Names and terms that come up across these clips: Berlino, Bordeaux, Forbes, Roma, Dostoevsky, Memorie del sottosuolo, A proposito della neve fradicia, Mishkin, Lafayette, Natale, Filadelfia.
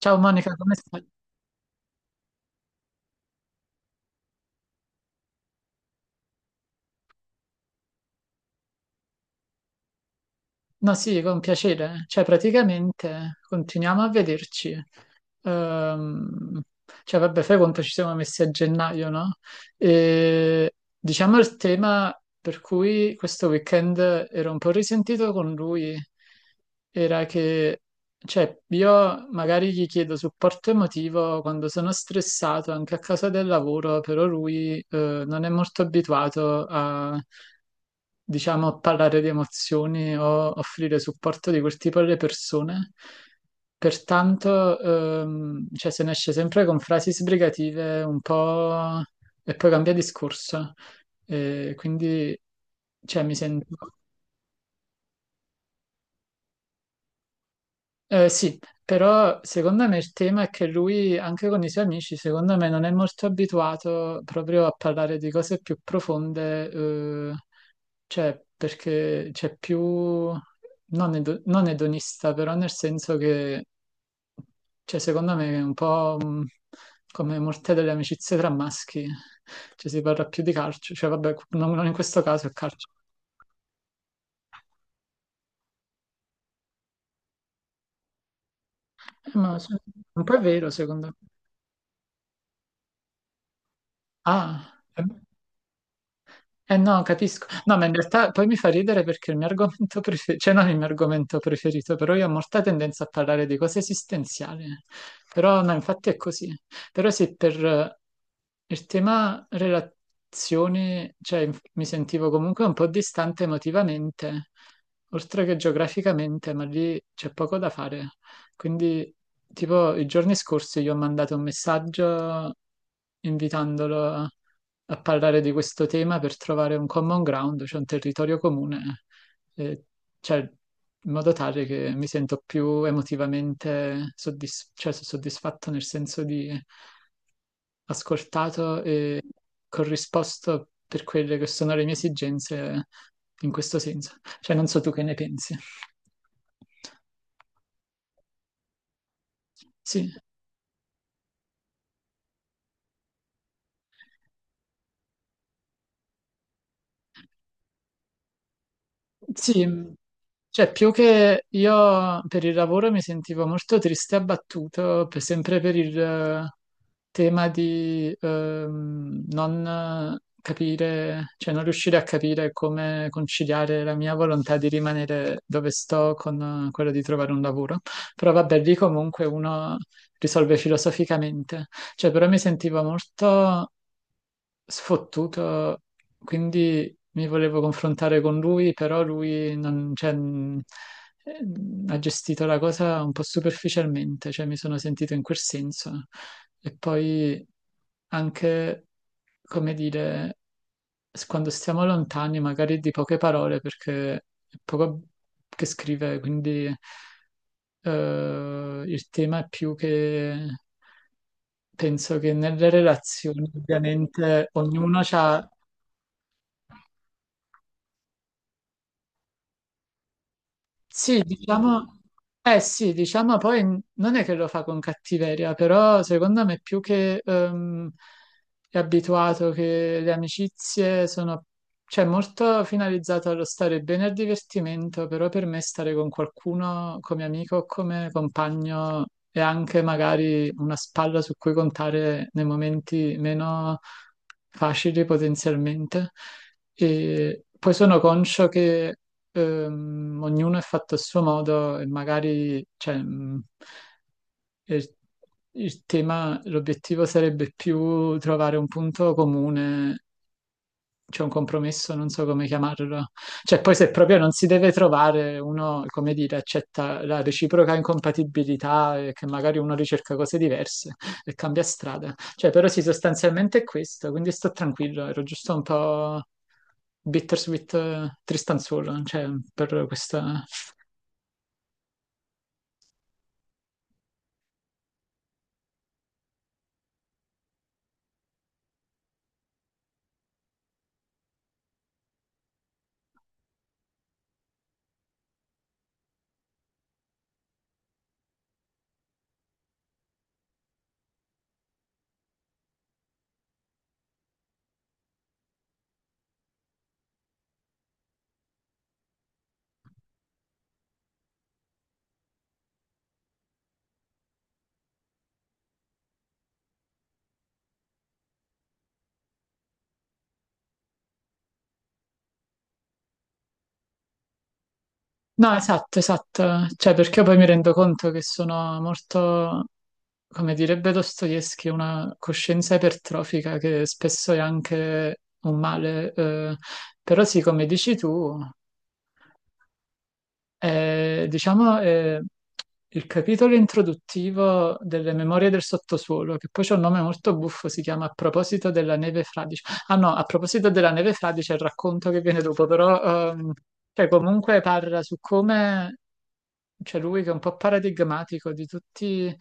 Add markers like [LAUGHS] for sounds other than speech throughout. Ciao Monica, come stai? No, sì, con piacere. Cioè, praticamente continuiamo a vederci. Ehm, vabbè, fai conto ci siamo messi a gennaio, no? E diciamo il tema per cui questo weekend ero un po' risentito con lui era che, io magari gli chiedo supporto emotivo quando sono stressato anche a causa del lavoro, però lui non è molto abituato a, diciamo, parlare di emozioni o offrire supporto di quel tipo alle persone. Pertanto, se ne esce sempre con frasi sbrigative un po' e poi cambia discorso. E quindi, cioè, mi sento... sì, però secondo me il tema è che lui, anche con i suoi amici, secondo me non è molto abituato proprio a parlare di cose più profonde, cioè perché c'è più, non, non edonista, però nel senso che, cioè, secondo me è un po' come molte delle amicizie tra maschi, cioè si parla più di calcio, cioè vabbè, non in questo caso è calcio. Eh, ma se- un po' è vero secondo me. Ah, eh. Eh no, capisco. No, ma in realtà poi mi fa ridere perché il mio argomento [LAUGHS] preferito, cioè non il mio argomento preferito, però io ho molta tendenza a parlare di cose esistenziali. Però no, infatti è così. Però se per il tema relazioni, mi sentivo comunque un po' distante emotivamente, oltre che geograficamente, ma lì c'è poco da fare. Quindi, tipo, i giorni scorsi gli ho mandato un messaggio invitandolo a parlare di questo tema per trovare un common ground, cioè un territorio comune, eh, cioè, in modo tale che mi sento più emotivamente cioè, so soddisfatto nel senso di ascoltato e corrisposto per quelle che sono le mie esigenze in questo senso. Cioè, non so tu che ne pensi. Sì. Sì, cioè più che io per il lavoro mi sentivo molto triste e abbattuto, sempre per il tema di non capire, cioè non riuscire a capire come conciliare la mia volontà di rimanere dove sto con quello di trovare un lavoro. Però vabbè, lì comunque uno risolve filosoficamente, cioè però mi sentivo molto sfottuto, quindi mi volevo confrontare con lui, però lui non- cioè, ha gestito la cosa un po' superficialmente, cioè mi sono sentito in quel senso. E poi anche come dire, quando stiamo lontani, magari di poche parole, perché è poco che scrive, quindi il tema è più che penso che nelle relazioni, ovviamente, ognuno ha... Sì, diciamo, eh sì, diciamo poi non è che lo fa con cattiveria, però secondo me più che è abituato che le amicizie sono, cioè molto finalizzato allo stare bene al divertimento, però per me stare con qualcuno come amico o come compagno è anche magari una spalla su cui contare nei momenti meno facili potenzialmente. E poi sono conscio che ognuno è fatto a suo modo e magari, cioè, il, il tema, l'obiettivo sarebbe più trovare un punto comune, cioè un compromesso, non so come chiamarlo. Cioè, poi se proprio non si deve trovare, uno, come dire, accetta la reciproca incompatibilità e che magari uno ricerca cose diverse e cambia strada. Cioè, però sì, sostanzialmente è questo, quindi sto tranquillo, ero giusto un po' bittersweet, tristanzuolo, cioè, per questa... No, esatto, esatto, cioè, perché poi mi rendo conto che sono molto, come direbbe Dostoevsky, una coscienza ipertrofica che spesso è anche un male, però sì, come dici tu... diciamo, il capitolo introduttivo delle Memorie del sottosuolo, che poi c'è un nome molto buffo, si chiama A proposito della neve fradicia. Ah no, a proposito della neve fra, c'è il racconto che viene dopo, però cioè, comunque parla su come c'è lui che è un po' paradigmatico di tutti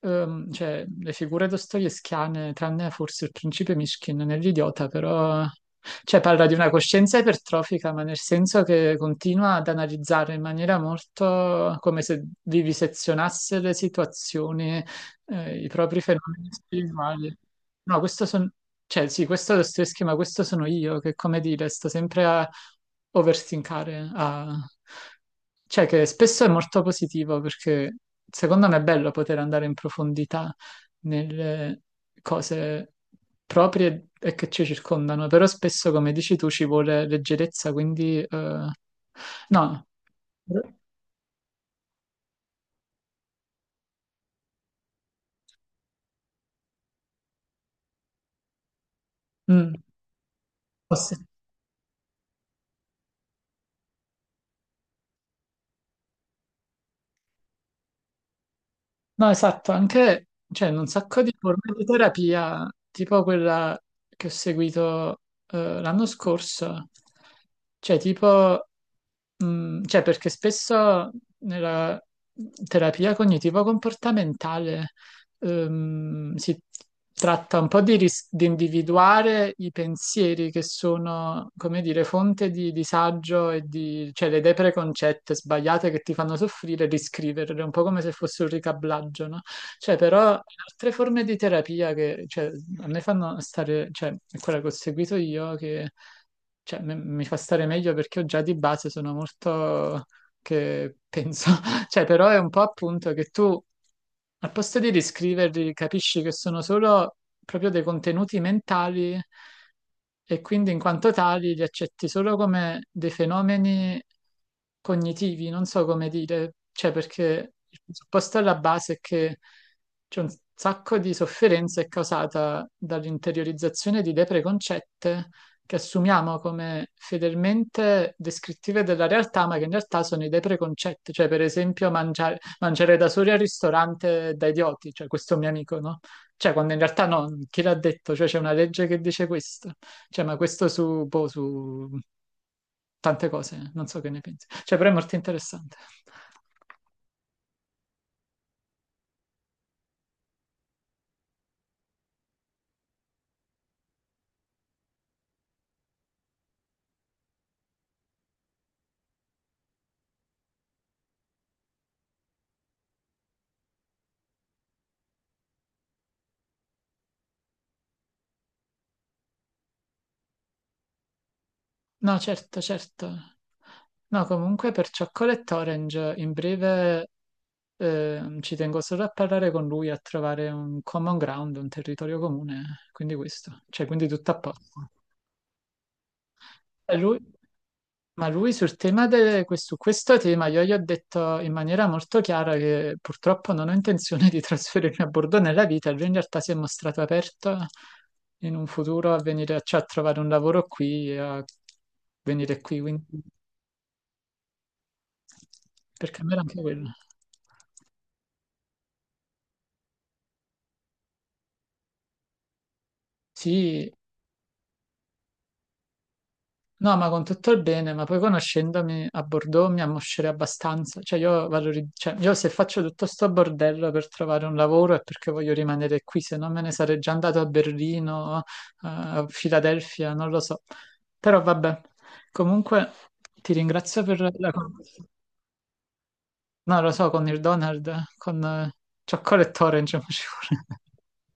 cioè, le figure dostoevskiane, tranne forse il principe Mishkin nell'idiota, però cioè, parla di una coscienza ipertrofica, ma nel senso che continua ad analizzare in maniera molto come se vivisezionasse le situazioni i propri fenomeni spirituali. No, questo sono, cioè sì, questo è lo stesso schema, questo sono io che, come dire, sto sempre a overthinkare, a... cioè che spesso è molto positivo perché secondo me è bello poter andare in profondità nelle cose proprie e che ci circondano, però spesso, come dici tu, ci vuole leggerezza, quindi no. Mm. Posso- No, esatto, anche c'è un sacco di forme di terapia, tipo quella che ho seguito l'anno scorso, cioè tipo, mm, cioè perché spesso nella terapia cognitivo-comportamentale si tratta un po' di individuare i pensieri che sono, come dire, fonte di disagio cioè le idee preconcette sbagliate che ti fanno soffrire, riscriverle, un po' come se fosse un ricablaggio, no? Cioè, però altre forme di terapia che cioè, a me fanno stare, cioè, è quella che ho seguito io, che cioè, mi fa stare meglio perché io già di base sono molto che penso, cioè, però è un po' appunto che tu, al posto di riscriverli, capisci che sono solo proprio dei contenuti mentali e quindi in quanto tali li accetti solo come dei fenomeni cognitivi, non so come dire, cioè perché il presupposto alla base è che c'è un sacco di sofferenza è causata dall'interiorizzazione di idee preconcette che assumiamo come fedelmente descrittive della realtà, ma che in realtà sono idee preconcette, cioè per esempio mangiare, mangiare da soli al ristorante da idioti, cioè questo mio amico, no? Cioè quando in realtà no, chi l'ha detto? Cioè c'è una legge che dice questo, cioè ma questo su, boh, su tante cose, non so che ne pensi. Cioè però è molto interessante. No, certo, certo. No, comunque per Chocolate Orange in breve ci tengo solo a parlare con lui, a trovare un common ground, un territorio comune, quindi questo, cioè quindi tutto a posto. E lui- ma lui sul tema su questo tema io gli ho detto in maniera molto chiara che purtroppo non ho intenzione di [LAUGHS] trasferirmi a Bordeaux nella vita, e lui in realtà si è mostrato aperto in un futuro a venire, cioè, a trovare un lavoro qui, e a venire qui, quindi... per cambiare anche quello. Sì, no, ma con tutto il bene, ma poi conoscendomi a Bordeaux mi ammoscerei abbastanza. Cioè io, cioè, io se faccio tutto sto bordello per trovare un lavoro è perché voglio rimanere qui, se no me ne sarei già andato a Berlino, a Filadelfia, non lo so. Però vabbè, comunque ti ringrazio per la conversazione. No, lo so, con il Donald, con Chocolate Orange [LAUGHS] mi ci vuole.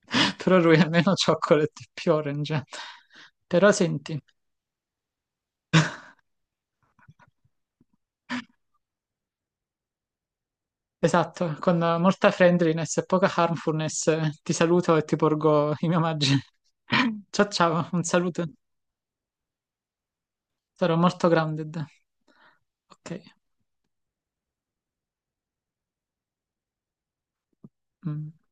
[LAUGHS] Però lui è meno chocolate e più orange. Però senti, esatto, con molta friendliness e poca harmfulness ti saluto e ti porgo i miei omaggi. [LAUGHS] Ciao ciao, un saluto. Sarò molto grounded. Ok. Mm.